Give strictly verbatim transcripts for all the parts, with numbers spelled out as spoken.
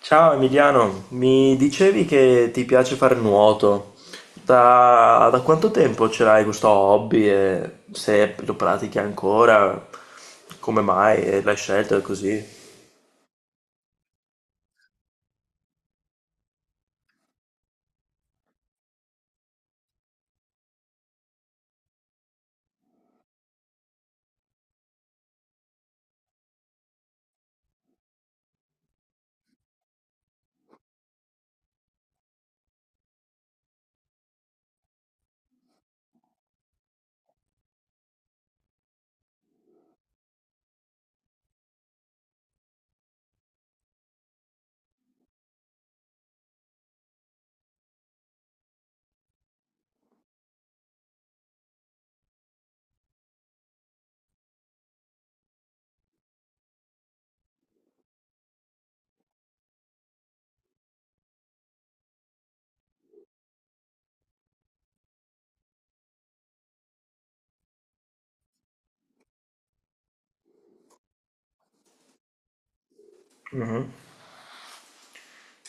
Ciao Emiliano, mi dicevi che ti piace fare nuoto. Da, da quanto tempo ce l'hai questo hobby e se lo pratichi ancora, come mai e l'hai scelto e così?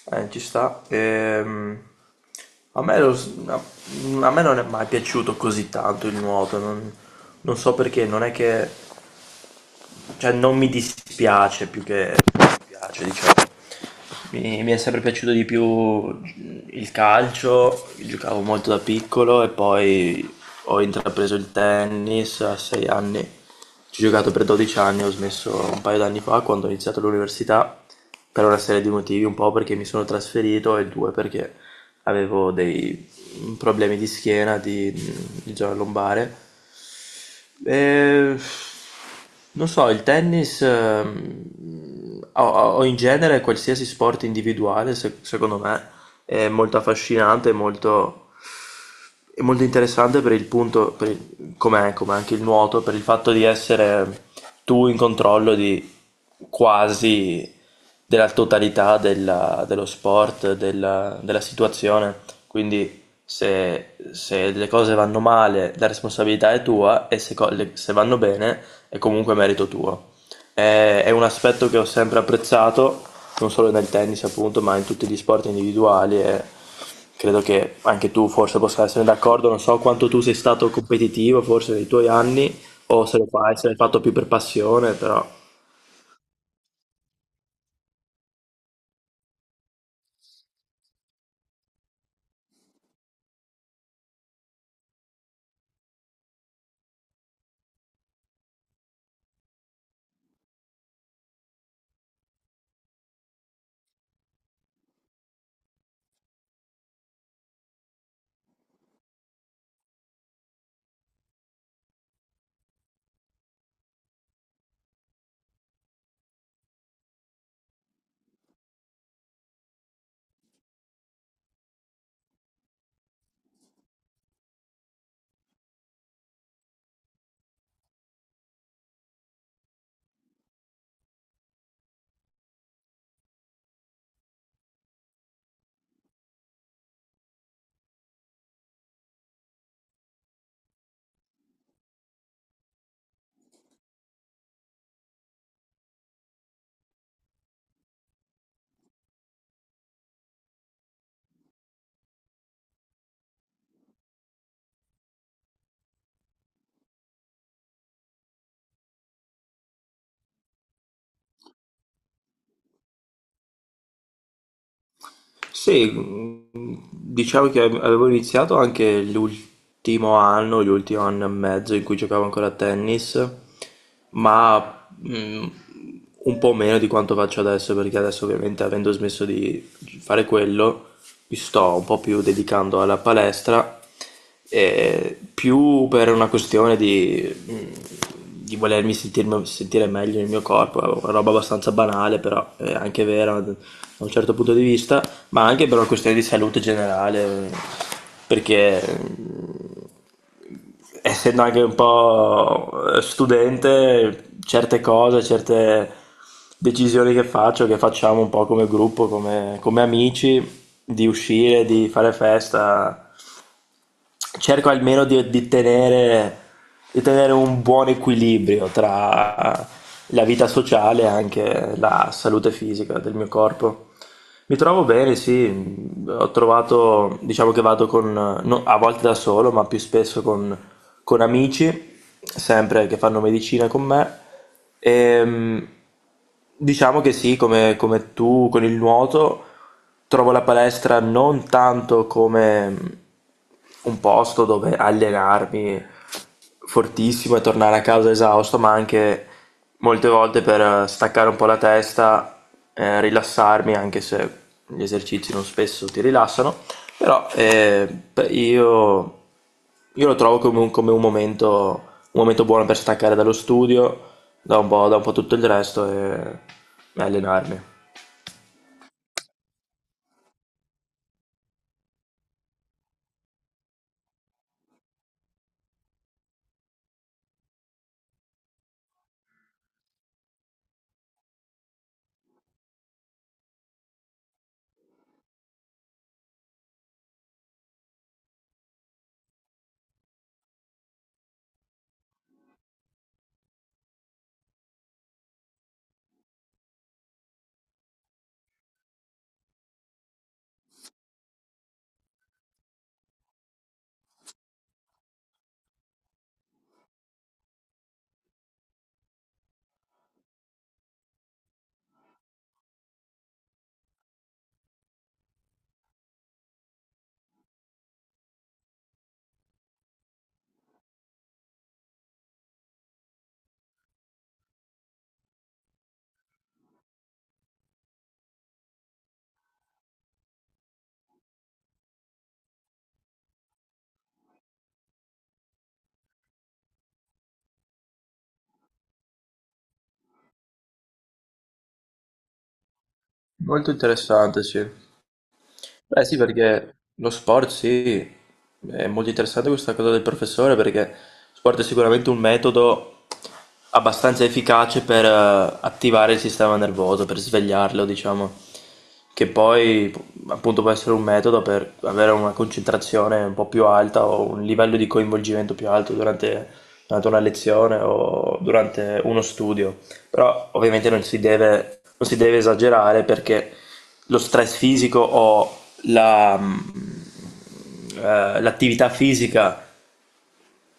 Eh, ci sta. Ehm, a me, lo- a- a me non è mai piaciuto così tanto il nuoto, non, non so perché, non è che cioè non mi dispiace più che mi piace, diciamo. Mi, mi è sempre piaciuto di più il calcio, giocavo molto da piccolo e poi ho intrapreso il tennis a sei anni, ci ho giocato per dodici anni, ho smesso un paio d'anni fa quando ho iniziato l'università per una serie di motivi, un po' perché mi sono trasferito e due perché avevo dei problemi di schiena, di, di zona lombare, eh, non so, il tennis ehm, o, o in genere qualsiasi sport individuale, se- secondo me, è molto affascinante, molto è molto interessante per il punto, per il- come come anche il nuoto, per il fatto di essere tu in controllo di quasi della totalità della- dello sport, della, della situazione. Quindi se, se le cose vanno male, la responsabilità è tua e se, co- le- se vanno bene è comunque merito tuo. È è un aspetto che ho sempre apprezzato, non solo nel tennis appunto, ma in tutti gli sport individuali, e credo che anche tu forse possa essere d'accordo. Non so quanto tu sei stato competitivo forse nei tuoi anni o se lo fai, se l'hai fatto più per passione. Però sì, mm, diciamo che avevo iniziato anche l'ultimo anno, l'ultimo anno e mezzo in cui giocavo ancora a tennis, ma mm, un po' meno di quanto faccio adesso, perché adesso ovviamente avendo smesso di fare quello, mi sto un po' più dedicando alla palestra, eh, più per una questione di, mm, di volermi sentirmi- sentire meglio nel mio corpo. È una roba abbastanza banale, però è anche vera da un certo punto di vista, ma anche per una questione di salute generale, perché mm, essendo anche un po' studente, certe cose, certe decisioni che faccio, che facciamo un po' come gruppo, come, come amici, di uscire, di fare festa, cerco almeno di, di tenere, di tenere un buon equilibrio tra la vita sociale e anche la salute fisica del mio corpo. Mi trovo bene, sì, ho trovato, diciamo che vado con, no, a volte da solo, ma più spesso con, con amici, sempre che fanno medicina con me. Ehm, Diciamo che sì, come, come tu con il nuoto, trovo la palestra non tanto come mm, un posto dove allenarmi fortissimo e tornare a casa esausto, ma anche molte volte per eh, staccare un po' la testa, eh, rilassarmi, anche se gli esercizi non spesso ti rilassano, però eh, beh, io io lo trovo come un, come un momento, un momento buono per staccare dallo studio, da un po', da un po' tutto il resto e e allenarmi. Molto interessante, sì. Beh sì, perché lo sport sì, è molto interessante questa cosa del professore, perché lo sport è sicuramente un metodo abbastanza efficace per eh, attivare il sistema nervoso, per svegliarlo, diciamo, che poi appunto può essere un metodo per avere una concentrazione un po' più alta o un livello di coinvolgimento più alto durante, durante una lezione o durante uno studio. Però ovviamente non si deve non si deve esagerare, perché lo stress fisico o la, mh, eh, l'attività fisica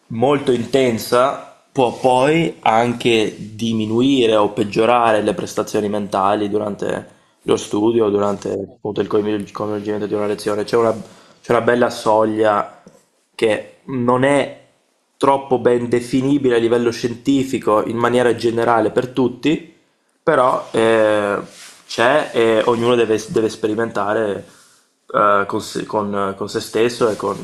molto intensa può poi anche diminuire o peggiorare le prestazioni mentali durante lo studio, durante appunto il coinvol- coinvolgimento di una lezione. C'è una, c'è una bella soglia che non è troppo ben definibile a livello scientifico in maniera generale per tutti, però eh, c'è, e ognuno deve deve sperimentare, eh, con, se, con- con se stesso e con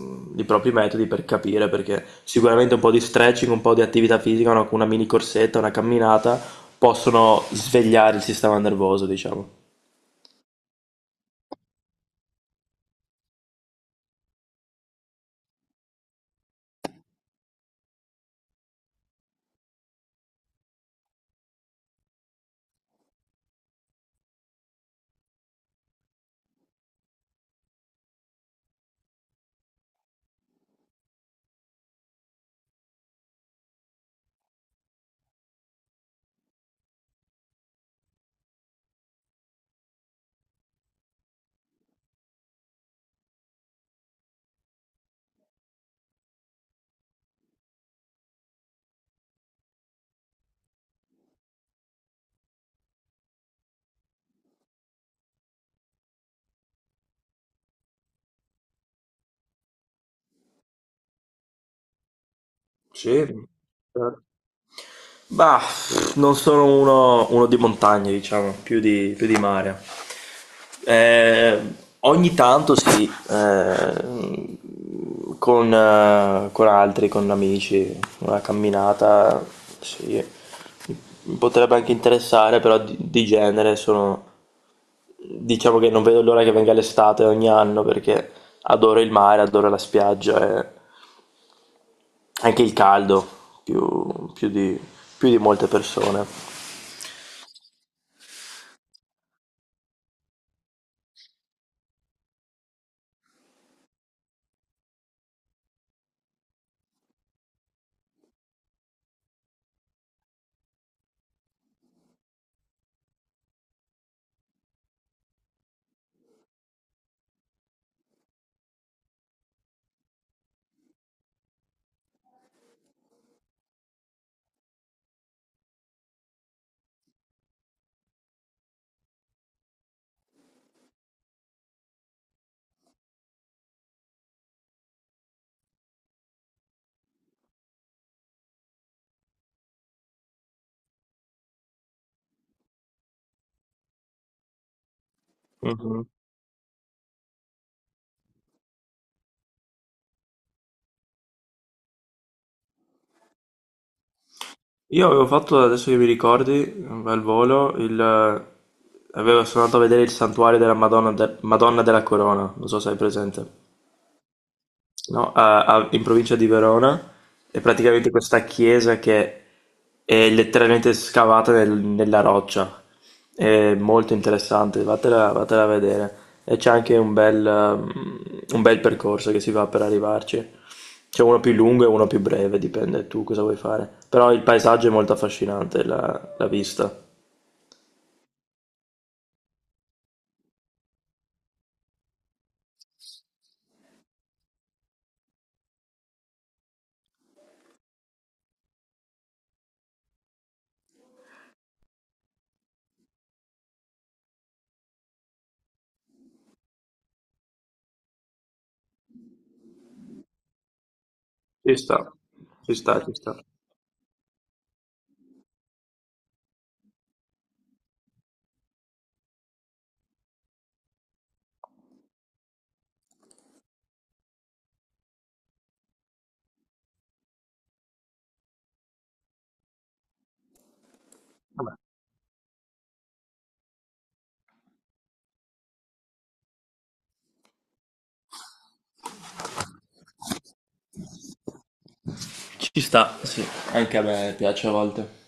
mm, i propri metodi per capire, perché sicuramente un po' di stretching, un po' di attività fisica, una, una mini corsetta, una camminata possono svegliare il sistema nervoso, diciamo. Sì, certo. Bah, non sono uno, uno di montagna, diciamo, più di, più di mare. Eh, ogni tanto sì, eh, con, eh, con altri, con amici, una camminata, sì, mi potrebbe anche interessare, però di, di genere sono... Diciamo che non vedo l'ora che venga l'estate ogni anno, perché adoro il mare, adoro la spiaggia e anche il caldo, più, più di, più di molte persone. Mhm. Io avevo fatto, adesso che mi ricordi, al volo, il... avevo, sono andato a vedere il santuario della Madonna, de- Madonna della Corona, non so se hai presente. No, a- a- in provincia di Verona, è praticamente questa chiesa che è letteralmente scavata nel- nella roccia. È molto interessante, vatela, vatela a vedere. E c'è anche un bel, um, un bel percorso che si va per arrivarci. C'è uno più lungo e uno più breve, dipende tu cosa vuoi fare. Però il paesaggio è molto affascinante, la, la vista. Ci sta, ci sta, ci sta. Vabbè. Ci sta, sì, anche a me piace a volte.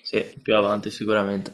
Sì, più avanti sicuramente.